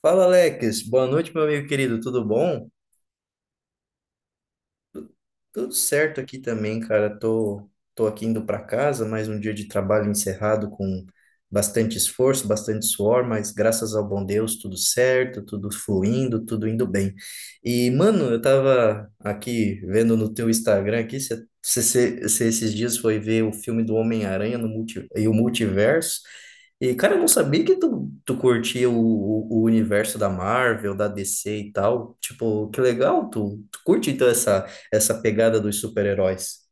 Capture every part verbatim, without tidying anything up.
Fala, Alex. Boa noite, meu amigo querido. Tudo bom? Tu- Tudo certo aqui também, cara. Tô, tô aqui indo para casa, mais um dia de trabalho encerrado com bastante esforço, bastante suor, mas graças ao bom Deus, tudo certo, tudo fluindo, tudo indo bem. E, mano, eu tava aqui vendo no teu Instagram aqui, você esses dias foi ver o filme do Homem-Aranha no multi, e o Multiverso. E, cara, eu não sabia que tu, tu curtia o, o, o universo da Marvel, da D C e tal. Tipo, que legal, tu, tu curte então essa essa pegada dos super-heróis.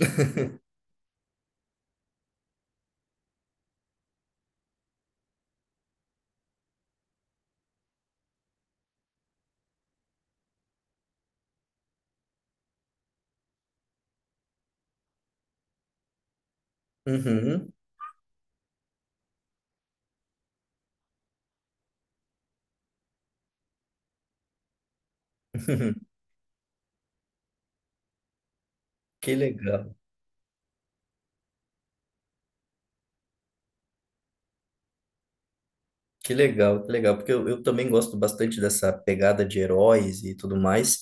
Uhum. Uhum. Que legal, que legal, que legal, porque eu, eu também gosto bastante dessa pegada de heróis e tudo mais.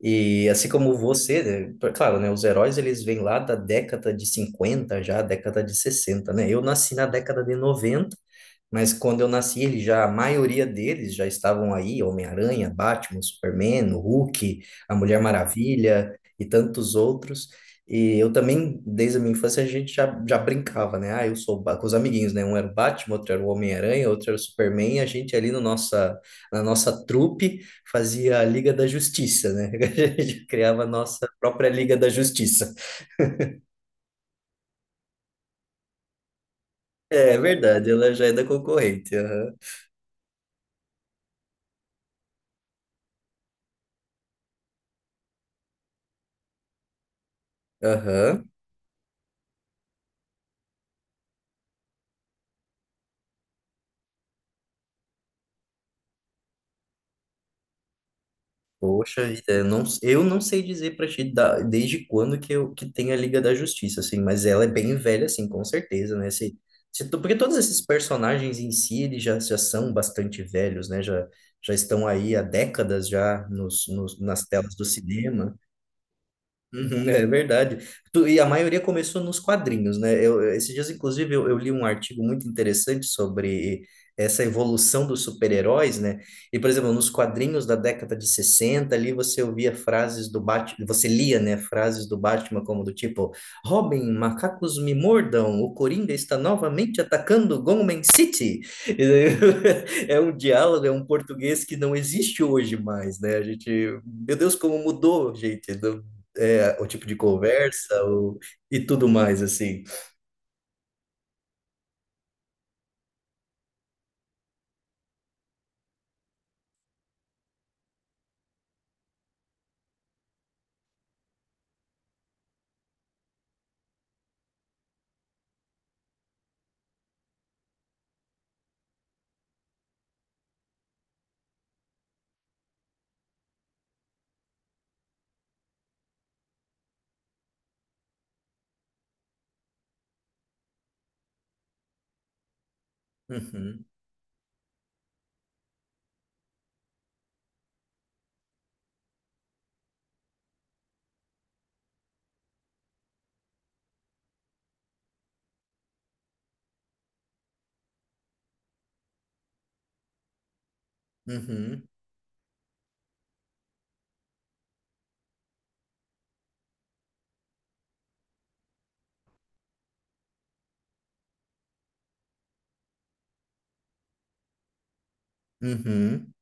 E assim como você, né, pra- claro, né, os heróis eles vêm lá da década de cinquenta já, década de sessenta, né? Eu nasci na década de noventa, mas quando eu nasci, eles já, a maioria deles já estavam aí, Homem-Aranha, Batman, Superman, o Hulk, a Mulher Maravilha e tantos outros. E eu também, desde a minha infância, a gente já, já brincava, né? Ah, eu sou o Ba- Com os amiguinhos, né? Um era o Batman, outro era o Homem-Aranha, outro era o Superman, e a gente ali no nossa, na nossa trupe fazia a Liga da Justiça, né? A gente criava a nossa própria Liga da Justiça. É verdade, ela já é da concorrente. Aham. Aham. Poxa vida, eu não, eu não sei dizer pra ti da- desde quando que, eu, que tem a Liga da Justiça, assim, mas ela é bem velha, assim, com certeza, né? Se, se, tu- Porque todos esses personagens em si, eles já, já são bastante velhos, né? Já, já estão aí há décadas já nos, nos, nas telas do cinema. Uhum, é verdade. Tu- E a maioria começou nos quadrinhos, né? Eu, eu- esses dias, inclusive, eu, eu li um artigo muito interessante sobre essa evolução dos super-heróis, né? E, por exemplo, nos quadrinhos da década de sessenta ali você ouvia frases do Batman, você lia, né, frases do Batman como do tipo, Robin, macacos me mordam, o Coringa está novamente atacando Gotham City. E daí, é um diálogo, é um português que não existe hoje mais, né? A gente, meu Deus, como mudou, gente é, o tipo de conversa o, e tudo mais, assim. Uhum, uhum, uhum,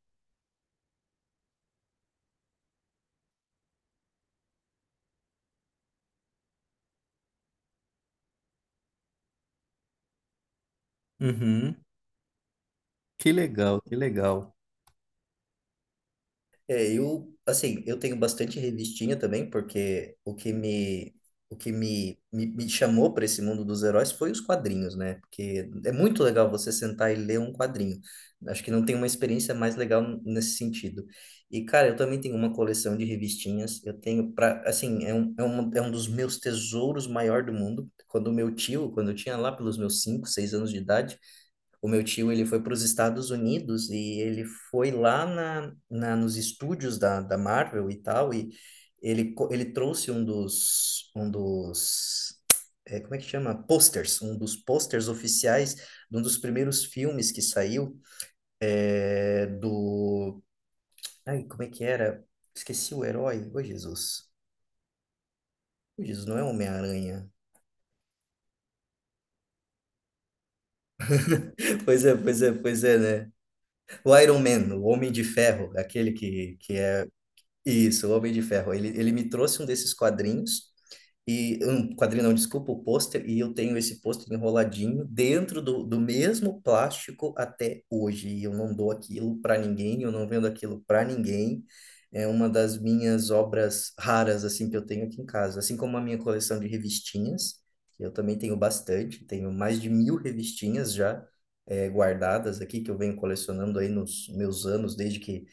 uhum. Que legal, que legal. É, eu, assim, eu tenho bastante revistinha também, porque o que me, o que me, me, me chamou para esse mundo dos heróis foi os quadrinhos, né? Porque é muito legal você sentar e ler um quadrinho. Acho que não tem uma experiência mais legal nesse sentido. E, cara, eu também tenho uma coleção de revistinhas. Eu tenho para, assim, é um, é um, é um dos meus tesouros maior do mundo. Quando meu tio, quando eu tinha lá pelos meus cinco seis anos de idade, o meu tio, ele foi para os Estados Unidos e ele foi lá na, na, nos estúdios da, da Marvel e tal, e ele, co- ele trouxe um dos, um dos, é, como é que chama? Posters, um dos posters oficiais de um dos primeiros filmes que saiu é, do... Ai, como é que era? Esqueci o herói. Ô, Jesus. Ô, Jesus, não é Homem-Aranha. Pois é, pois é, pois é, né? O Iron Man, o Homem de Ferro, aquele que, que é Isso, o Homem de Ferro. Ele, ele me trouxe um desses quadrinhos, e um quadrinho não, desculpa, o pôster, e eu tenho esse pôster enroladinho dentro do, do mesmo plástico até hoje. E eu não dou aquilo para ninguém, eu não vendo aquilo para ninguém. É uma das minhas obras raras, assim, que eu tenho aqui em casa. Assim como a minha coleção de revistinhas, que eu também tenho bastante, tenho mais de mil revistinhas já eh, guardadas aqui, que eu venho colecionando aí nos meus anos, desde que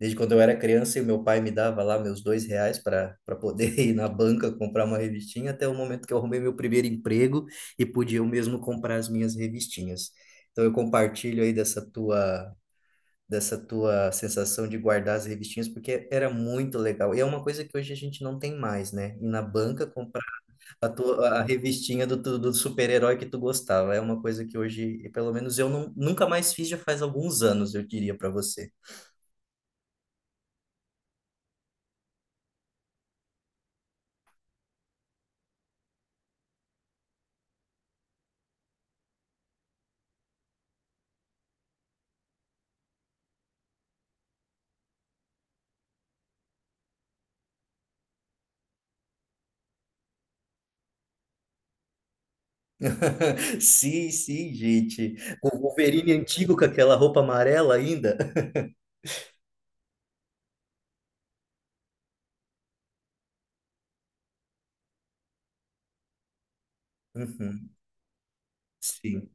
desde quando eu era criança e o meu pai me dava lá meus dois reais para para poder ir na banca comprar uma revistinha, até o momento que eu arrumei meu primeiro emprego e podia eu mesmo comprar as minhas revistinhas. Então eu compartilho aí dessa tua dessa tua sensação de guardar as revistinhas, porque era muito legal. E é uma coisa que hoje a gente não tem mais, né? Ir na banca comprar a tua a revistinha do, tu- do super-herói que tu gostava. É uma coisa que hoje, pelo menos eu não, nunca mais fiz, já faz alguns anos, eu diria para você. Sim, sim, gente. O Wolverine antigo com aquela roupa amarela ainda. Uhum, sim.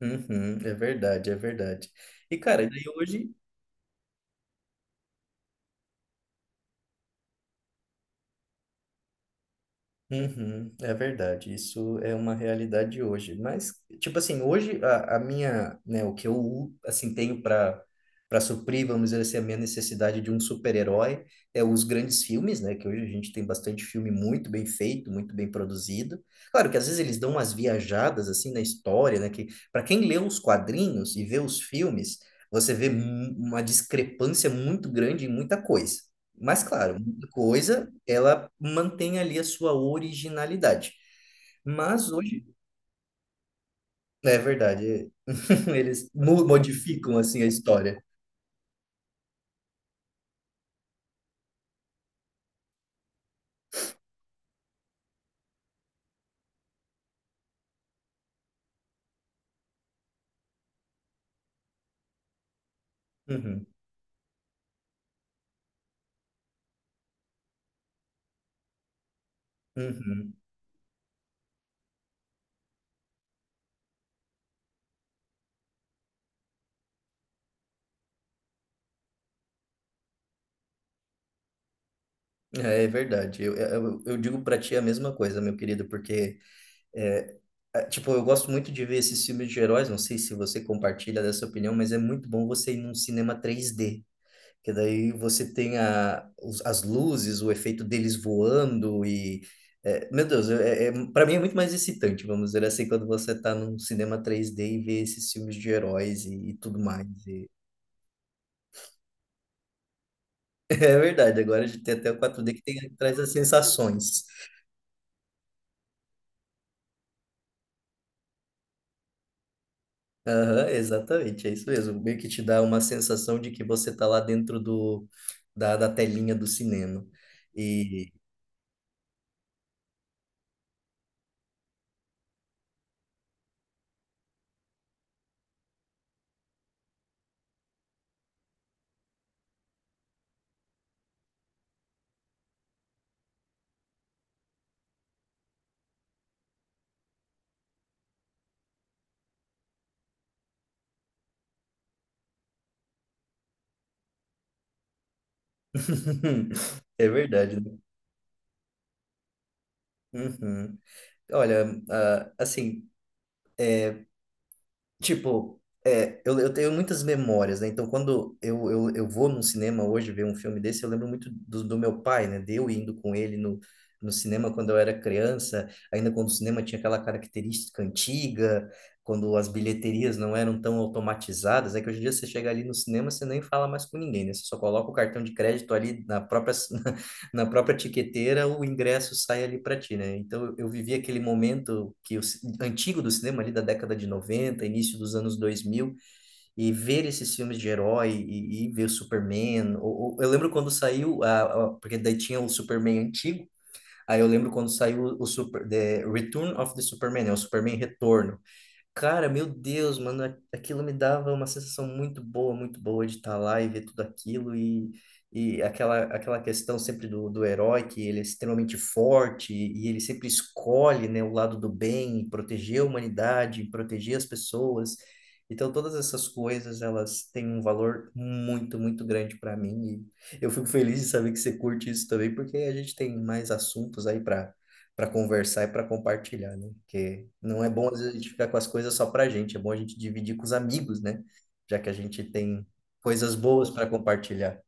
Uhum, é verdade, é verdade. E, cara, daí hoje. Uhum, é verdade, isso é uma realidade hoje. Mas, tipo assim, hoje a, a minha, né, o que eu, assim, tenho para para suprir, vamos dizer assim, a minha necessidade de um super-herói é os grandes filmes, né, que hoje a gente tem bastante filme muito bem feito, muito bem produzido. Claro que às vezes eles dão umas viajadas, assim, na história, né, que para quem lê os quadrinhos e vê os filmes, você vê mu- uma discrepância muito grande em muita coisa. Mas, claro, muita coisa ela mantém ali a sua originalidade. Mas hoje, é verdade, eles mu- modificam assim a história. Uhum, uhum. É, é verdade. Eu, é, eu, eu digo pra ti a mesma coisa, meu querido, porque é, é, tipo, eu gosto muito de ver esses filmes de heróis, não sei se você compartilha dessa opinião, mas é muito bom você ir num cinema três d. Que daí você tem a, os- as luzes, o efeito deles voando e. É, meu Deus, é, é, para mim é muito mais excitante, vamos dizer assim, quando você tá num cinema três d e vê esses filmes de heróis e, e tudo mais. E- É verdade, agora a gente tem até o quatro d que tem, traz as sensações. Aham, exatamente, é isso mesmo. Meio que te dá uma sensação de que você tá lá dentro do, da, da telinha do cinema. E. É verdade, né? Uhum. Olha, ah, assim, é, tipo, é, eu, eu tenho muitas memórias, né? Então, quando eu, eu, eu vou num cinema hoje ver um filme desse, eu lembro muito do, do meu pai, né? De eu indo com ele no, no cinema quando eu era criança, ainda quando o cinema tinha aquela característica antiga, quando as bilheterias não eram tão automatizadas. É que hoje em dia você chega ali no cinema, você nem fala mais com ninguém, né? Você só coloca o cartão de crédito ali na própria, na própria tiqueteira o ingresso sai ali para ti, né? Então eu vivi aquele momento que o, antigo do cinema ali da década de noventa início dos anos dois mil e ver esses filmes de herói e, e ver o Superman. Ou, ou- eu lembro quando saiu a, a- porque daí tinha o Superman antigo. Aí eu lembro quando saiu o Super, The Return of the Superman, né? O Superman Retorno. Cara, meu Deus, mano, a- aquilo me dava uma sensação muito boa, muito boa de estar lá e ver tudo aquilo e, e aquela, aquela questão sempre do, do herói, que ele é extremamente forte e ele sempre escolhe, né, o lado do bem, proteger a humanidade, proteger as pessoas. Então, todas essas coisas, elas têm um valor muito, muito grande para mim e eu fico feliz de saber que você curte isso também, porque a gente tem mais assuntos aí para conversar e para compartilhar, né? Porque não é bom às vezes a gente ficar com as coisas só para a gente, é bom a gente dividir com os amigos, né? Já que a gente tem coisas boas para compartilhar.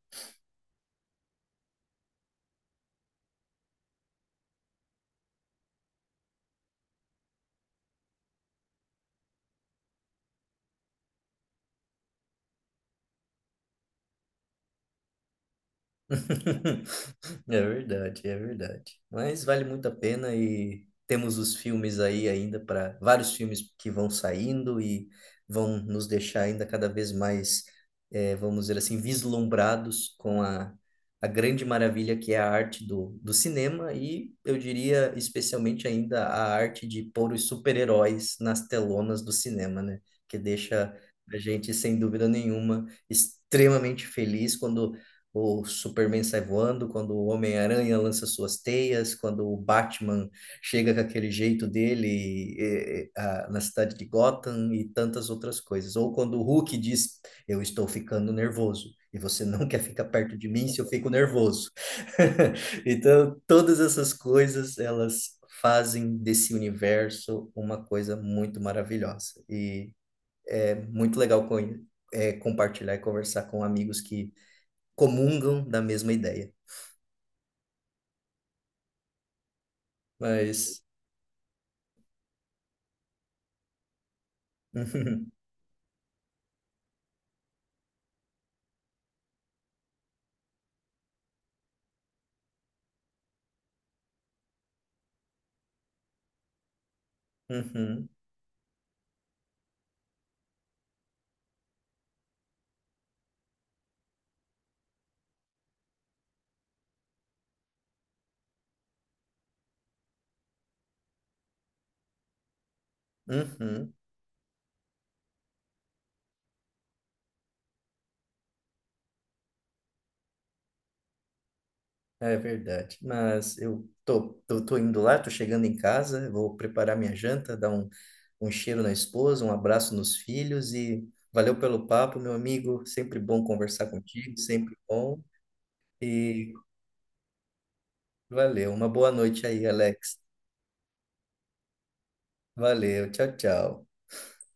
É verdade, é verdade. Mas vale muito a pena e temos os filmes aí ainda para vários filmes que vão saindo e vão nos deixar ainda cada vez mais, eh, vamos dizer assim, vislumbrados com a, a grande maravilha que é a arte do, do cinema e eu diria especialmente ainda a arte de pôr os super-heróis nas telonas do cinema, né? Que deixa a gente, sem dúvida nenhuma, extremamente feliz quando o Superman sai voando, quando o Homem-Aranha lança suas teias, quando o Batman chega com aquele jeito dele eh, ah, na cidade de Gotham e tantas outras coisas. Ou quando o Hulk diz, eu estou ficando nervoso. E você não quer ficar perto de mim se eu fico nervoso. Então, todas essas coisas, elas fazem desse universo uma coisa muito maravilhosa. E é muito legal co- é, compartilhar e conversar com amigos que comungam da mesma ideia. Mas. Uhum, uhum, uhum, é verdade. Mas eu tô, tô, tô indo lá, tô chegando em casa, vou preparar minha janta, dar um, um cheiro na esposa, um abraço nos filhos e valeu pelo papo, meu amigo. Sempre bom conversar contigo, sempre bom. E valeu. Uma boa noite aí, Alex. Valeu, tchau, tchau.